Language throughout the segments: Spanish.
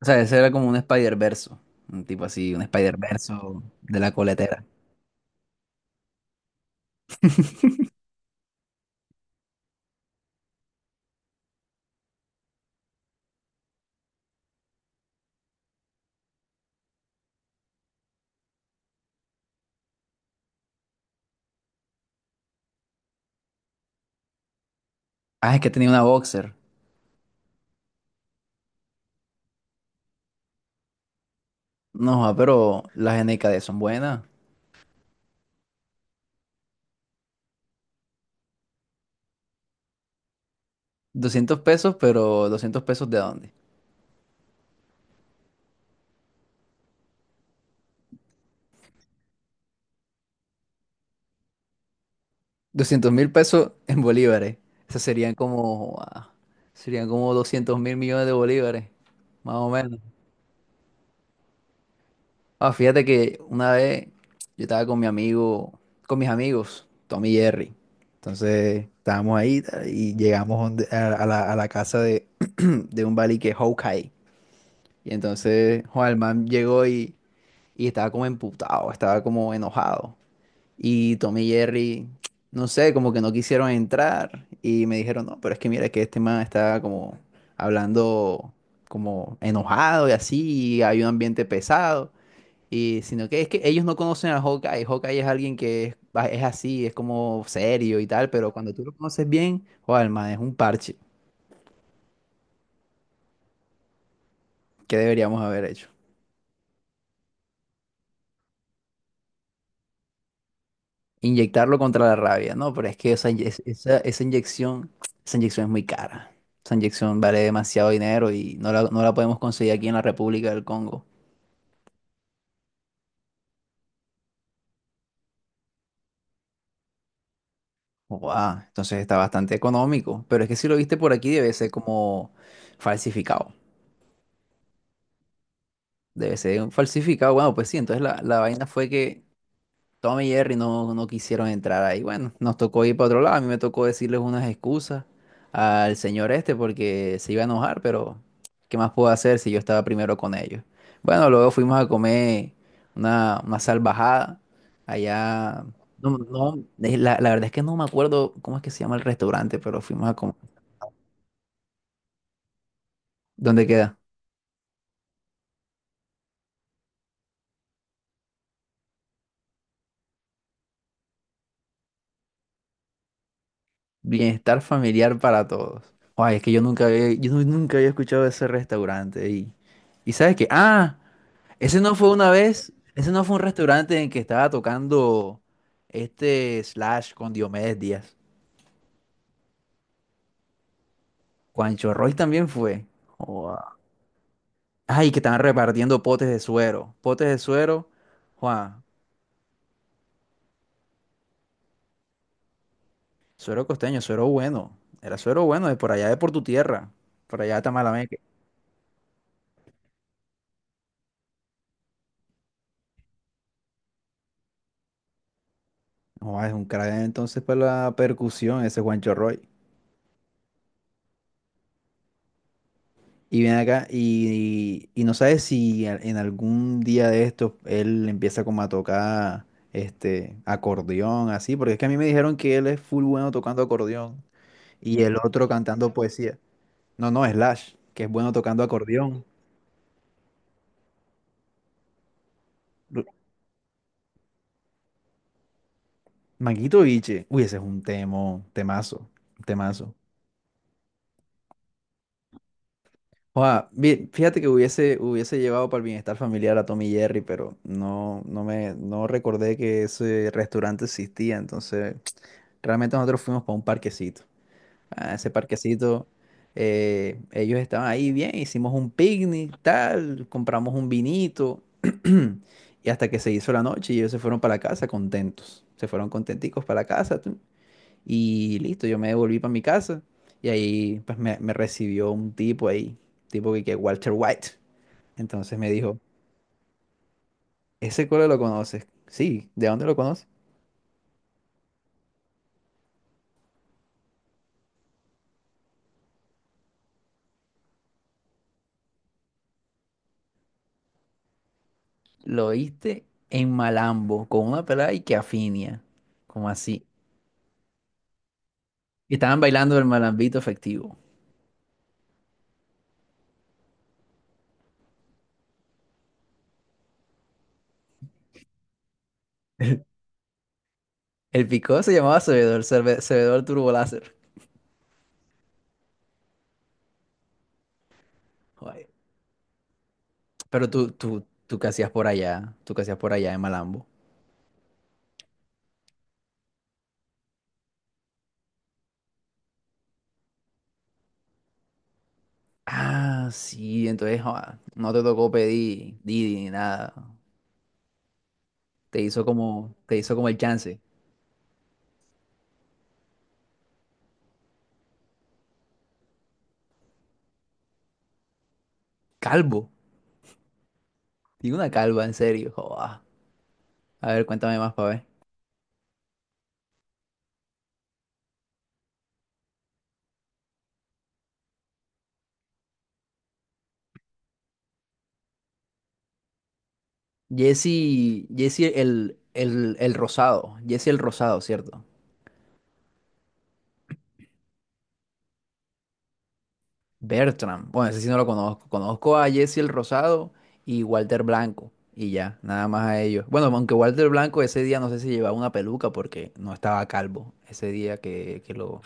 O sea, ese era como un Spider-Verso. Un tipo así, un Spider-Verso de la coletera. Ah, es que tenía una boxer. No, ah, pero las NKD son buenas. ¿200 pesos, pero 200 pesos de dónde? 200.000 pesos en bolívares. Eso serían como, serían como 200.000 millones de bolívares, más o menos. Ah, fíjate que una vez yo estaba con mi amigo, con mis amigos, Tommy y Jerry. Entonces estábamos ahí tal, y llegamos a la casa de un Bali que es Hawkeye. Y entonces joder, el man llegó y estaba como emputado, estaba como enojado. Y Tommy y Jerry, no sé, como que no quisieron entrar. Y me dijeron, no, pero es que mira que este man está como hablando como enojado y así, y hay un ambiente pesado. Y sino que es que ellos no conocen a Hawkeye. Hawkeye es alguien que es así, es como serio y tal, pero cuando tú lo conoces bien, Juan man es un parche. ¿Qué deberíamos haber hecho? Inyectarlo contra la rabia, ¿no? Pero es que esa inyección es muy cara. Esa inyección vale demasiado dinero y no la podemos conseguir aquí en la República del Congo. Guau, entonces está bastante económico. Pero es que si lo viste por aquí debe ser como falsificado. Debe ser un falsificado. Bueno, pues sí, entonces la vaina fue que Tom y Jerry no quisieron entrar ahí. Bueno, nos tocó ir para otro lado. A mí me tocó decirles unas excusas al señor este porque se iba a enojar, pero ¿qué más puedo hacer si yo estaba primero con ellos? Bueno, luego fuimos a comer una salvajada allá. No, no, la verdad es que no me acuerdo cómo es que se llama el restaurante, pero fuimos a comer. ¿Dónde queda? Bienestar familiar para todos. Ay, es que yo nunca había escuchado de ese restaurante. ¿Y sabes qué? Ah. Ese no fue una vez, ese no fue un restaurante en que estaba tocando este Slash con Diomedes Díaz. Juancho Roy también fue. Joda. Ay, que estaban repartiendo potes de suero. Potes de suero, Juan, suero costeño, suero bueno. Era suero bueno de por allá de por tu tierra, por allá de Tamalameque. Joda, es un crack entonces para la percusión ese Juancho Roy. Y viene acá y no sabes si en algún día de estos él empieza como a tocar este acordeón, así, porque es que a mí me dijeron que él es full bueno tocando acordeón y el otro cantando poesía. No, no, Slash, que es bueno tocando acordeón. Lo- Manguito Biche, uy, ese es un temazo, temazo. Oa, bien, fíjate que hubiese llevado para el bienestar familiar a Tommy Jerry, pero no recordé que ese restaurante existía, entonces. Realmente nosotros fuimos para un parquecito. A ese parquecito, ellos estaban ahí bien, hicimos un picnic, tal, compramos un vinito. Y hasta que se hizo la noche y ellos se fueron para la casa contentos. Se fueron contenticos para la casa. Y listo, yo me devolví para mi casa. Y ahí pues me recibió un tipo ahí, tipo que Walter White. Entonces me dijo, ¿ese coro lo conoces? Sí, ¿de dónde lo conoces? Lo oíste en Malambo, con una pelada y que afinia. ¿Como así? Y estaban bailando el malambito efectivo. El picó se llamaba Sabedor Turbo Láser. Joder. Pero tú qué hacías por allá, tú qué hacías por allá en Malambo. Ah, sí, entonces joda, no te tocó pedir Didi ni nada. Te hizo como el chance. Calvo. ¿Tiene una calva, en serio? Joda. A ver, cuéntame más para ver. Jesse el rosado. Jesse el rosado, ¿cierto? Bertram. Bueno, ese sí no lo conozco. Conozco a Jesse el Rosado y Walter Blanco. Y ya, nada más a ellos. Bueno, aunque Walter Blanco ese día no sé si llevaba una peluca porque no estaba calvo. Ese día que lo...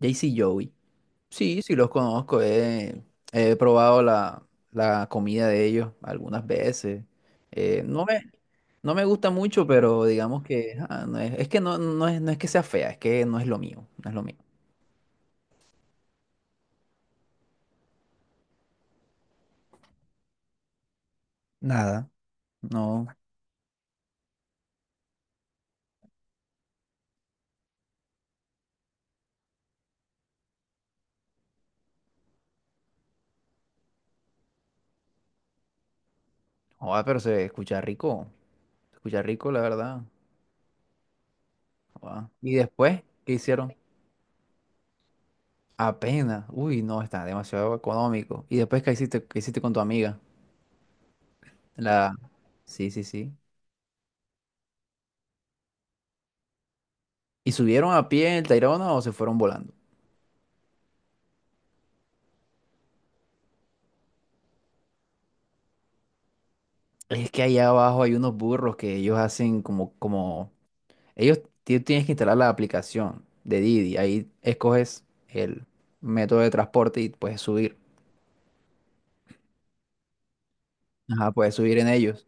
Jesse y Joey. Sí, sí los conozco. He probado la comida de ellos algunas veces. Eh, no me, no me gusta mucho, pero digamos que... no es, es que no, no es que sea fea, es que no es lo mío. No es lo mío. Nada. No. Joder, pero se escucha rico. Se escucha rico, la verdad. Ah. ¿Y después qué hicieron? Apenas. Uy, no, está demasiado económico. ¿Y después qué hiciste con tu amiga? La... Sí, sí, sí. ¿Y subieron a pie el Tayrona o se fueron volando? Es que allá abajo hay unos burros que ellos hacen como, como... Ellos tienes que instalar la aplicación de Didi. Ahí escoges el método de transporte y puedes subir. Ajá, puedes subir en ellos.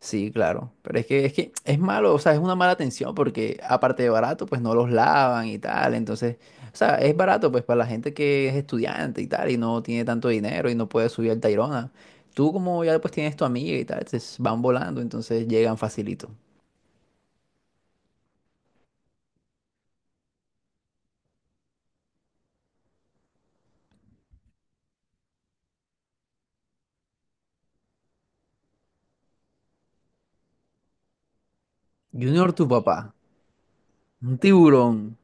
Sí, claro, pero es que es malo, o sea, es una mala atención porque aparte de barato, pues no los lavan y tal, entonces, o sea, es barato pues para la gente que es estudiante y tal y no tiene tanto dinero y no puede subir al Tayrona. Tú como ya pues tienes tu amiga y tal, entonces van volando, entonces llegan facilito. Junior, tu papá, un tiburón.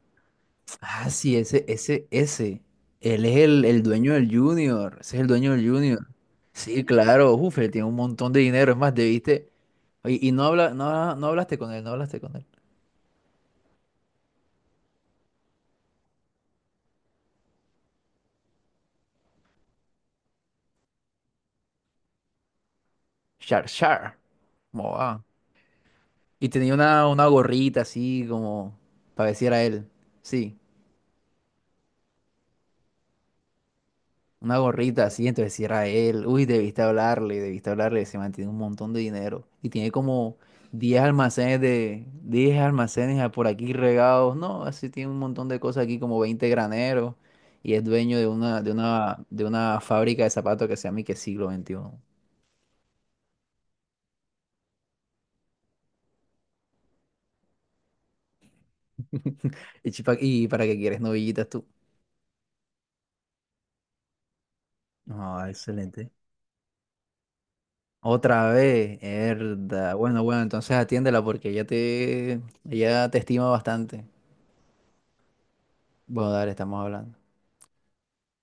Ah, sí, ese. Él es el dueño del Junior. Ese es el dueño del Junior. Sí, claro. Uf, él tiene un montón de dinero. Es más, debiste. Oye, y no hablaste con él, no hablaste con él. Char, char. ¿Cómo va? Y tenía una gorrita así como para decir a él. Sí. Una gorrita así, entonces si era él, uy, debiste hablarle, se mantiene un montón de dinero. Y tiene como diez almacenes por aquí regados, no, así tiene un montón de cosas aquí, como 20 graneros, y es dueño de una fábrica de zapatos que se llama y que siglo XXI Y para qué quieres novillitas tú. Ah, excelente. Otra vez, herda. Bueno, bueno, entonces atiéndela porque ella te estima bastante. Bueno, dale, estamos hablando.